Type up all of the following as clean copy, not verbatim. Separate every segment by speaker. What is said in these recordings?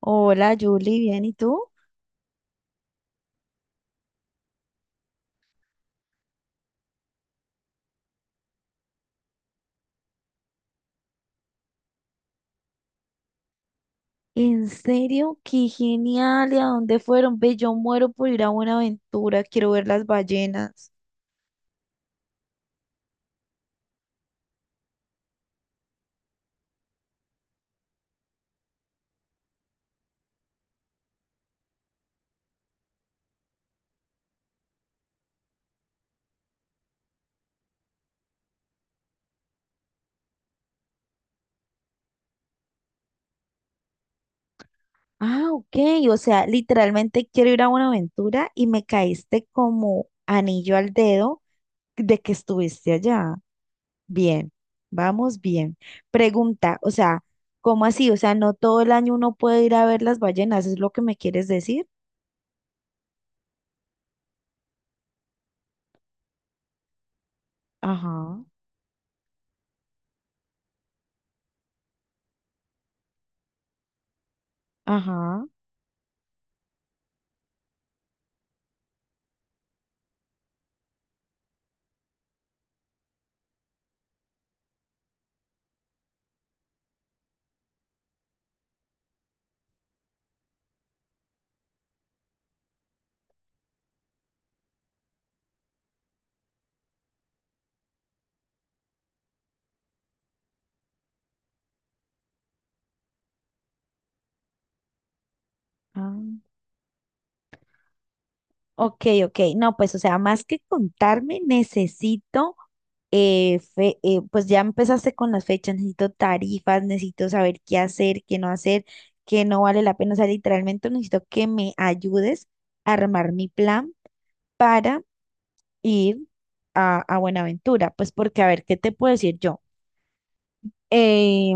Speaker 1: Hola, Julie, bien, ¿y tú? ¿En serio? ¡Qué genial! ¿Y a dónde fueron? Ve, yo muero por ir a Buenaventura, quiero ver las ballenas. Ah, ok, o sea, literalmente quiero ir a Buenaventura y me caíste como anillo al dedo de que estuviste allá. Bien, vamos bien. Pregunta, o sea, ¿cómo así? O sea, no todo el año uno puede ir a ver las ballenas, ¿es lo que me quieres decir? Ajá, ajá. Ah. Ok, ok, no, pues o sea, más que contarme, necesito, pues ya empezaste con las fechas, necesito tarifas, necesito saber qué hacer, qué no vale la pena, o sea, literalmente necesito que me ayudes a armar mi plan para ir a Buenaventura, pues porque a ver, ¿qué te puedo decir yo? Eh,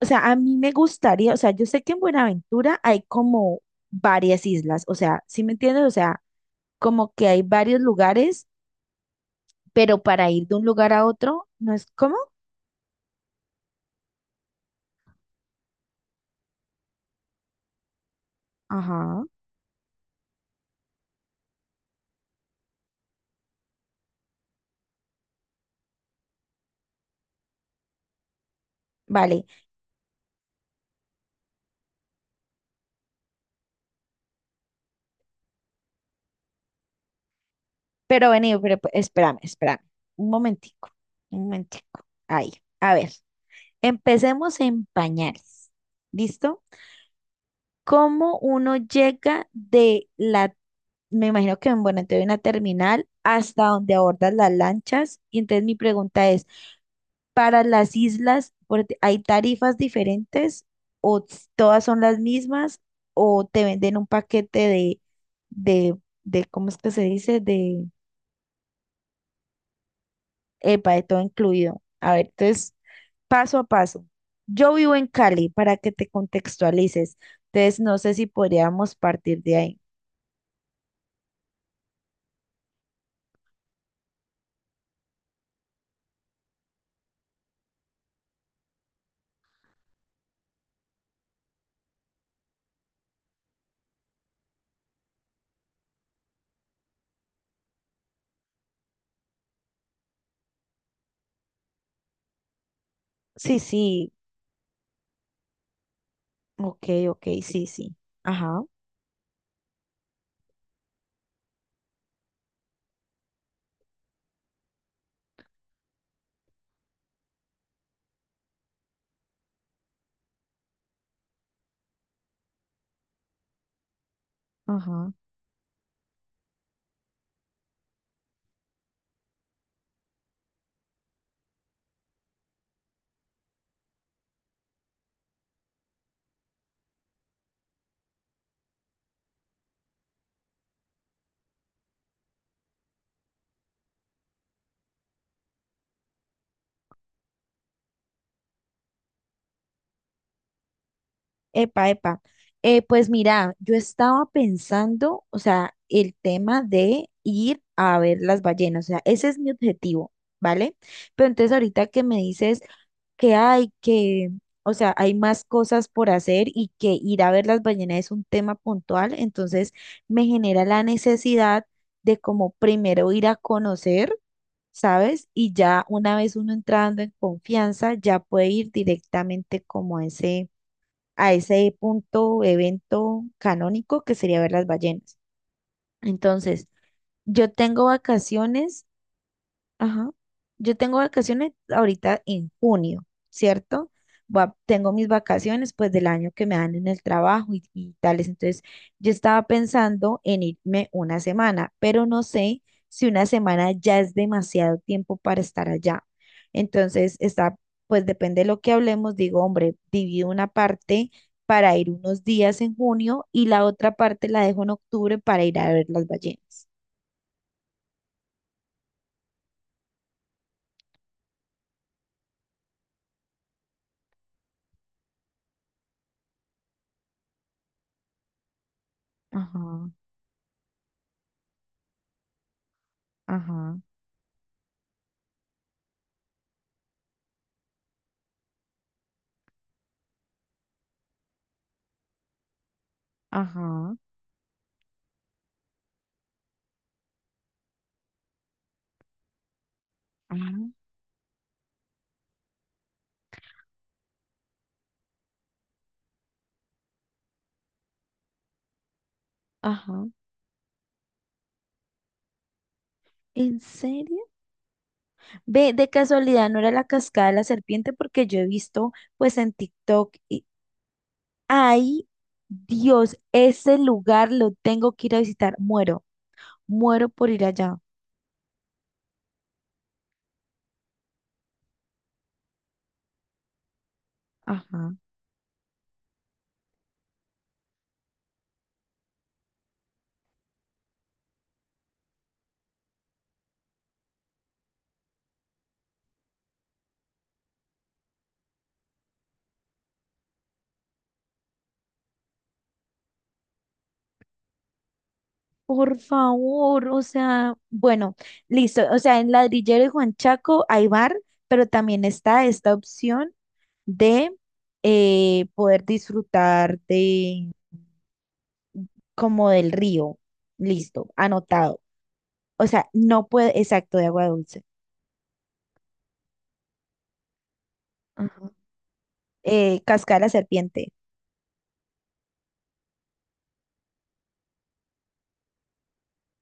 Speaker 1: o sea, a mí me gustaría, o sea, yo sé que en Buenaventura hay como varias islas, o sea, ¿sí me entiendes? O sea, como que hay varios lugares pero para ir de un lugar a otro, ¿no es cómo? Ajá, vale. Pero vení, pero espérame, espérame. Un momentico, un momentico. Ahí, a ver, empecemos en pañales. ¿Listo? ¿Cómo uno llega de la, me imagino que, bueno, entonces una terminal hasta donde abordan las lanchas? Y entonces mi pregunta es, para las islas, ¿hay tarifas diferentes todas son las mismas o te venden un paquete de, de ¿cómo es que se dice? De, epa, de todo incluido. A ver, entonces, paso a paso. Yo vivo en Cali, para que te contextualices. Entonces, no sé si podríamos partir de ahí. Sí, sí, ok, ok, sí, sí. Ajá, ajá. Epa, epa. Pues mira, yo estaba pensando, o sea, el tema de ir a ver las ballenas, o sea, ese es mi objetivo, ¿vale? Pero entonces ahorita que me dices que hay que, o sea, hay más cosas por hacer y que ir a ver las ballenas es un tema puntual, entonces me genera la necesidad de como primero ir a conocer, ¿sabes? Y ya una vez uno entrando en confianza, ya puede ir directamente como a ese punto, evento canónico que sería ver las ballenas. Entonces, yo tengo vacaciones. Ajá. Yo tengo vacaciones ahorita en junio, ¿cierto? Va- tengo mis vacaciones pues del año que me dan en el trabajo y tales. Entonces, yo estaba pensando en irme una semana, pero no sé si una semana ya es demasiado tiempo para estar allá. Entonces, está, pues depende de lo que hablemos, digo, hombre, divido una parte para ir unos días en junio y la otra parte la dejo en octubre para ir a ver las ballenas. Ajá, ajá, ajá. Ah. Ajá. ¿En serio? Ve, de casualidad, ¿no era la cascada de la serpiente? Porque yo he visto, pues, en TikTok y ay, Dios, ese lugar lo tengo que ir a visitar. Muero, muero por ir allá. Ajá. Por favor, o sea, bueno, listo. O sea, en Ladrillero y Juan Chaco hay bar, pero también está esta opción de poder disfrutar de como del río. Listo, anotado. O sea, no puede, exacto, de agua dulce. Ajá. Cascada de la serpiente.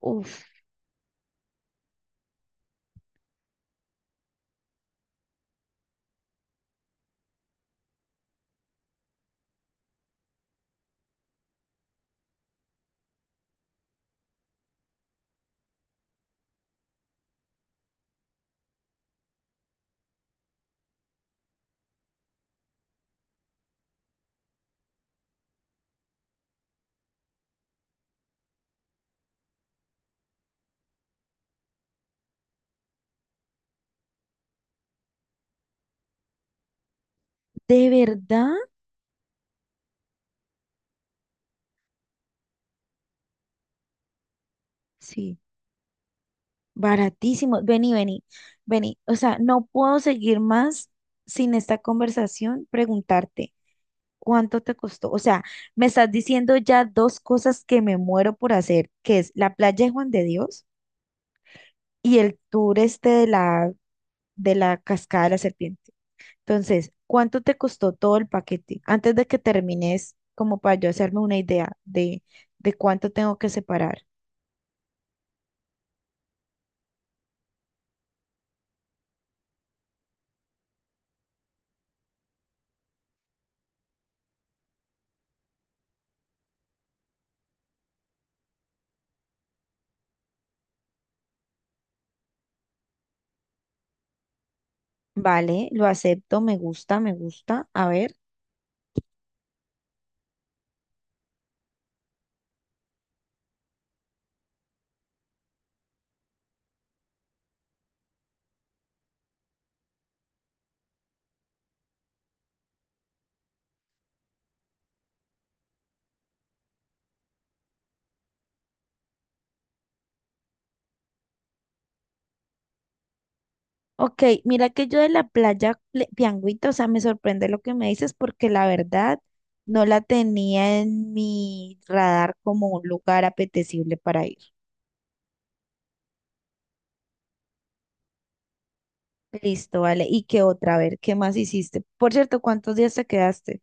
Speaker 1: Uf, ¿de verdad? Sí. Baratísimo. Vení, vení, vení. O sea, no puedo seguir más sin esta conversación, preguntarte cuánto te costó. O sea, me estás diciendo ya dos cosas que me muero por hacer, que es la playa de Juan de Dios y el tour este de de la cascada de la serpiente. Entonces, ¿cuánto te costó todo el paquete? Antes de que termines, como para yo hacerme una idea de cuánto tengo que separar. Vale, lo acepto, me gusta, me gusta. A ver. Ok, mira que yo de la playa Pianguita, o sea, me sorprende lo que me dices porque la verdad no la tenía en mi radar como un lugar apetecible para ir. Listo, vale. ¿Y qué otra? A ver, ¿qué más hiciste? Por cierto, ¿cuántos días te quedaste?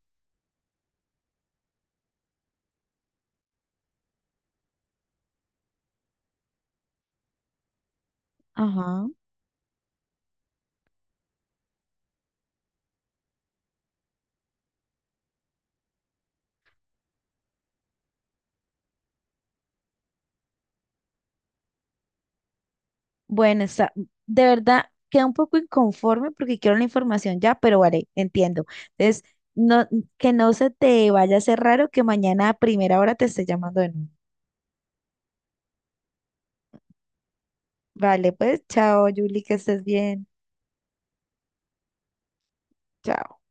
Speaker 1: Ajá. Bueno, está, de verdad, queda un poco inconforme porque quiero la información ya, pero vale, entiendo. Entonces, no, que no se te vaya a hacer raro que mañana a primera hora te esté llamando de nuevo. Vale, pues, chao, Julie, que estés bien. Chao.